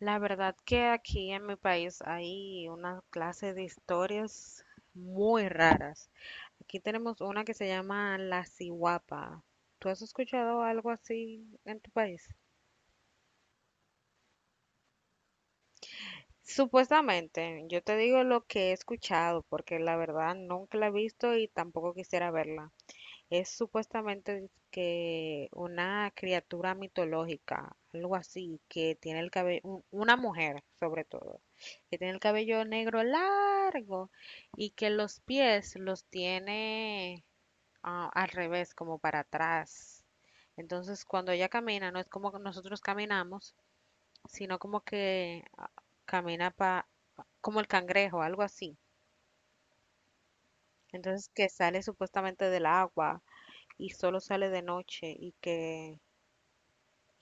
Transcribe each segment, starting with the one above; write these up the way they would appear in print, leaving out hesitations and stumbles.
La verdad que aquí en mi país hay una clase de historias muy raras. Aquí tenemos una que se llama La Sihuapa. ¿Tú has escuchado algo así en tu país? Supuestamente, yo te digo lo que he escuchado porque la verdad nunca la he visto y tampoco quisiera verla. Es supuestamente que una criatura mitológica, algo así, que tiene el cabello, una mujer sobre todo, que tiene el cabello negro largo y que los pies los tiene al revés, como para atrás. Entonces, cuando ella camina, no es como que nosotros caminamos, sino como que camina pa, como el cangrejo, algo así. Entonces, que sale supuestamente del agua y solo sale de noche y que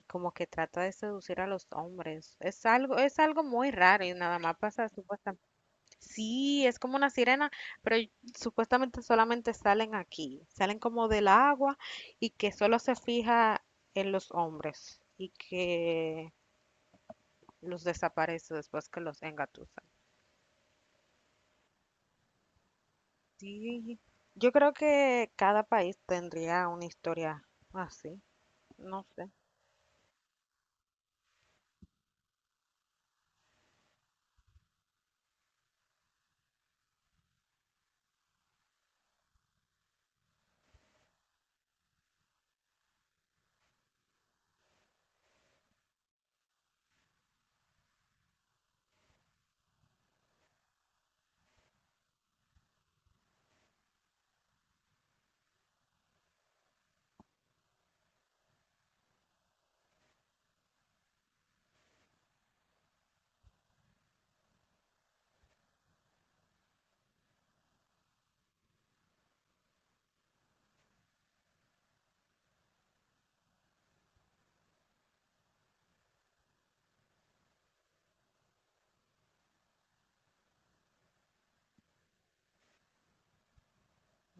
como que trata de seducir a los hombres. Es algo muy raro y nada más pasa supuestamente. Sí, es como una sirena, pero supuestamente solamente salen aquí, salen como del agua y que solo se fija en los hombres y que los desaparece después que los engatusan. Sí, yo creo que cada país tendría una historia así, no sé.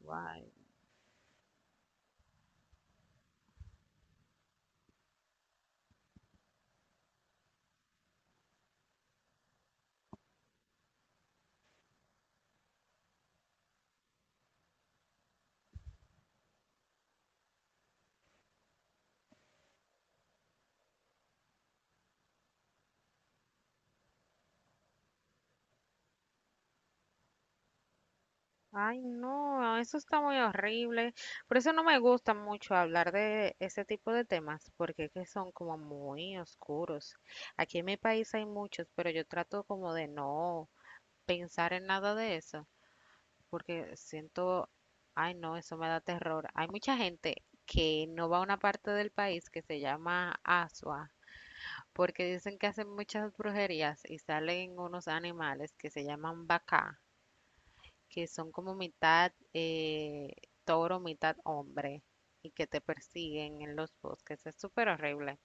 Guay. Ay, no, eso está muy horrible. Por eso no me gusta mucho hablar de ese tipo de temas, porque es que son como muy oscuros. Aquí en mi país hay muchos, pero yo trato como de no pensar en nada de eso, porque siento, ay, no, eso me da terror. Hay mucha gente que no va a una parte del país que se llama Asua, porque dicen que hacen muchas brujerías y salen unos animales que se llaman bacá que son como mitad toro, mitad hombre y que te persiguen en los bosques. Es súper horrible.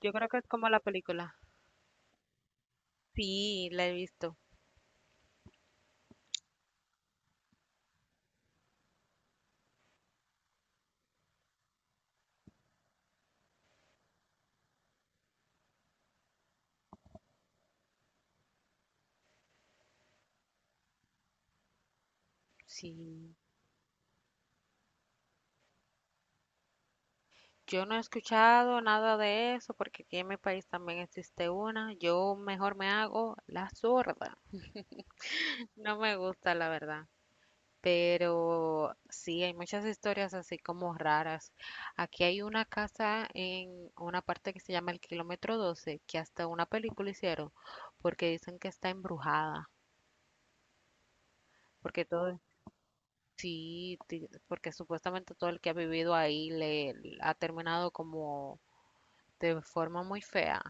Yo creo que es como la película. Sí, la he visto. Sí, yo no he escuchado nada de eso porque aquí en mi país también existe una. Yo mejor me hago la sorda. No me gusta, la verdad. Pero sí, hay muchas historias así como raras. Aquí hay una casa en una parte que se llama el kilómetro doce que hasta una película hicieron, porque dicen que está embrujada, porque todo, sí, porque supuestamente todo el que ha vivido ahí le ha terminado como de forma muy fea.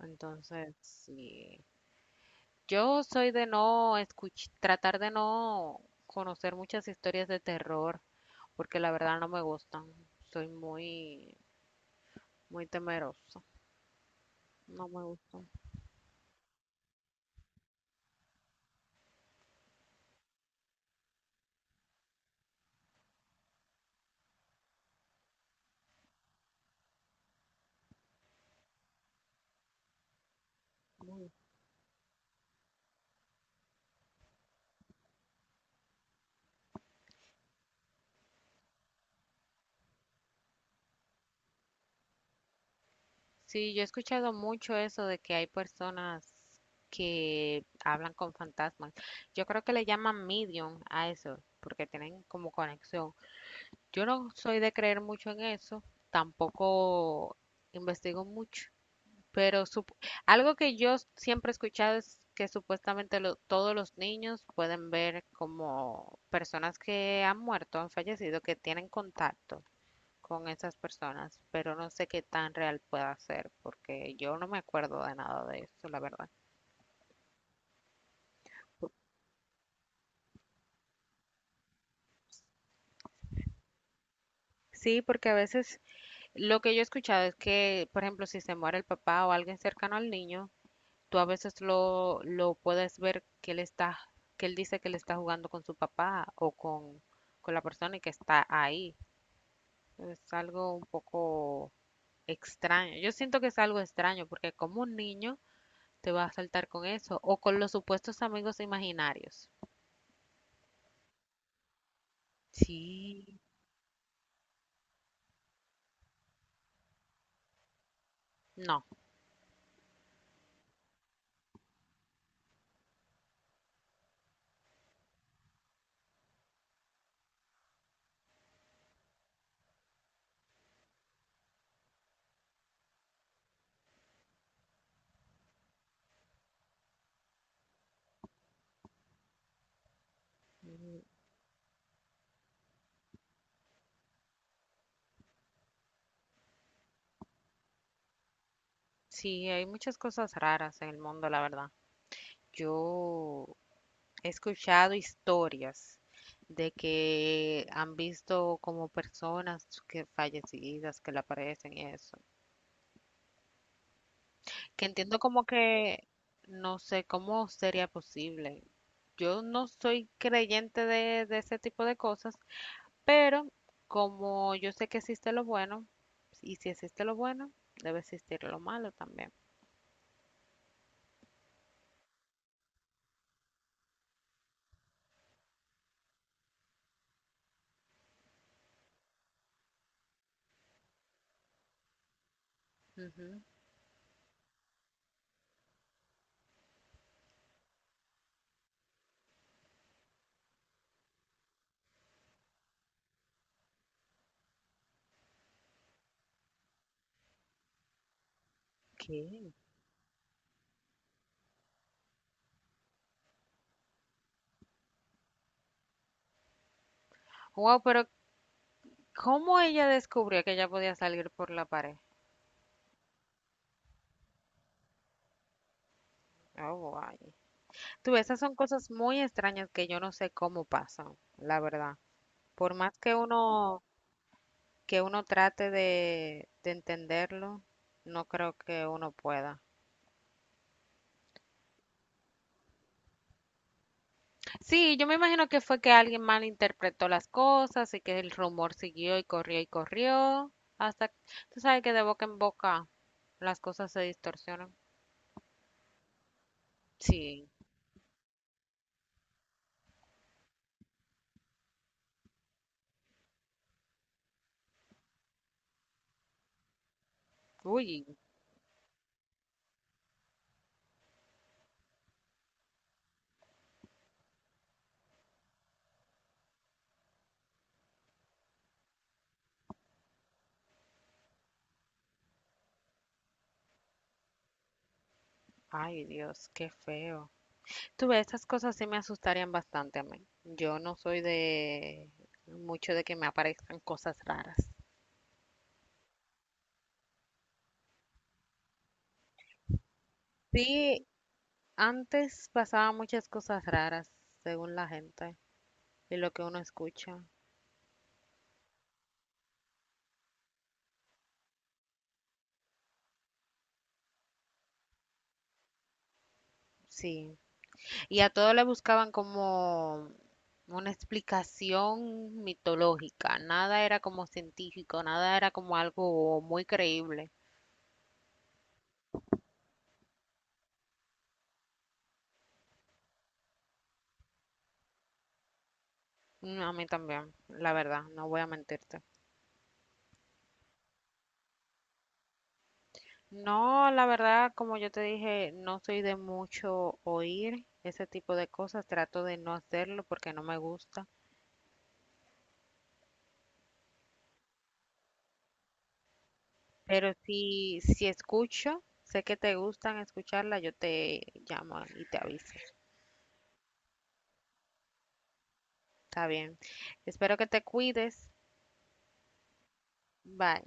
Entonces, sí. Yo soy de tratar de no conocer muchas historias de terror porque la verdad no me gustan. Soy muy, muy temerosa. No me gustan. Sí, yo he escuchado mucho eso de que hay personas que hablan con fantasmas. Yo creo que le llaman medium a eso, porque tienen como conexión. Yo no soy de creer mucho en eso, tampoco investigo mucho, pero algo que yo siempre he escuchado es que supuestamente todos los niños pueden ver como personas que han muerto, han fallecido, que tienen contacto con esas personas, pero no sé qué tan real pueda ser, porque yo no me acuerdo de nada de eso, la verdad. Sí, porque a veces lo que yo he escuchado es que, por ejemplo, si se muere el papá o alguien cercano al niño, tú a veces lo puedes ver que él está, que él dice que él está jugando con su papá con la persona que está ahí. Es algo un poco extraño. Yo siento que es algo extraño porque como un niño te va a saltar con eso o con los supuestos amigos imaginarios. Sí, no. Mm. Sí, hay muchas cosas raras en el mundo, la verdad. Yo He escuchado historias de que han visto como personas que fallecidas que le aparecen y eso. Que entiendo como que no sé cómo sería posible. Yo no soy creyente de ese tipo de cosas, pero como yo sé que existe lo bueno, y si existe lo bueno, debe existir lo malo también. Ujú. ¿Qué? Wow, pero ¿cómo ella descubrió que ella podía salir por la pared? Oh, guay. Tú, esas son cosas muy extrañas que yo no sé cómo pasan, la verdad. Por más que uno trate de entenderlo, no creo que uno pueda. Sí, yo me imagino que fue que alguien malinterpretó las cosas y que el rumor siguió y corrió y corrió. Hasta, tú sabes que de boca en boca las cosas se distorsionan. Sí. Uy, ay Dios, qué feo. Tú ves, esas cosas sí me asustarían bastante a mí. Yo no soy de mucho de que me aparezcan cosas raras. Sí, antes pasaban muchas cosas raras, según la gente y lo que uno escucha. Sí. Y a todo le buscaban como una explicación mitológica. Nada era como científico, nada era como algo muy creíble. Mm, a mí también, la verdad, no voy a mentirte. No, la verdad, como yo te dije, no soy de mucho oír ese tipo de cosas, trato de no hacerlo porque no me gusta, pero si escucho, sé que te gustan escucharla, yo te llamo y te aviso. Está bien. Espero que te cuides. Bye.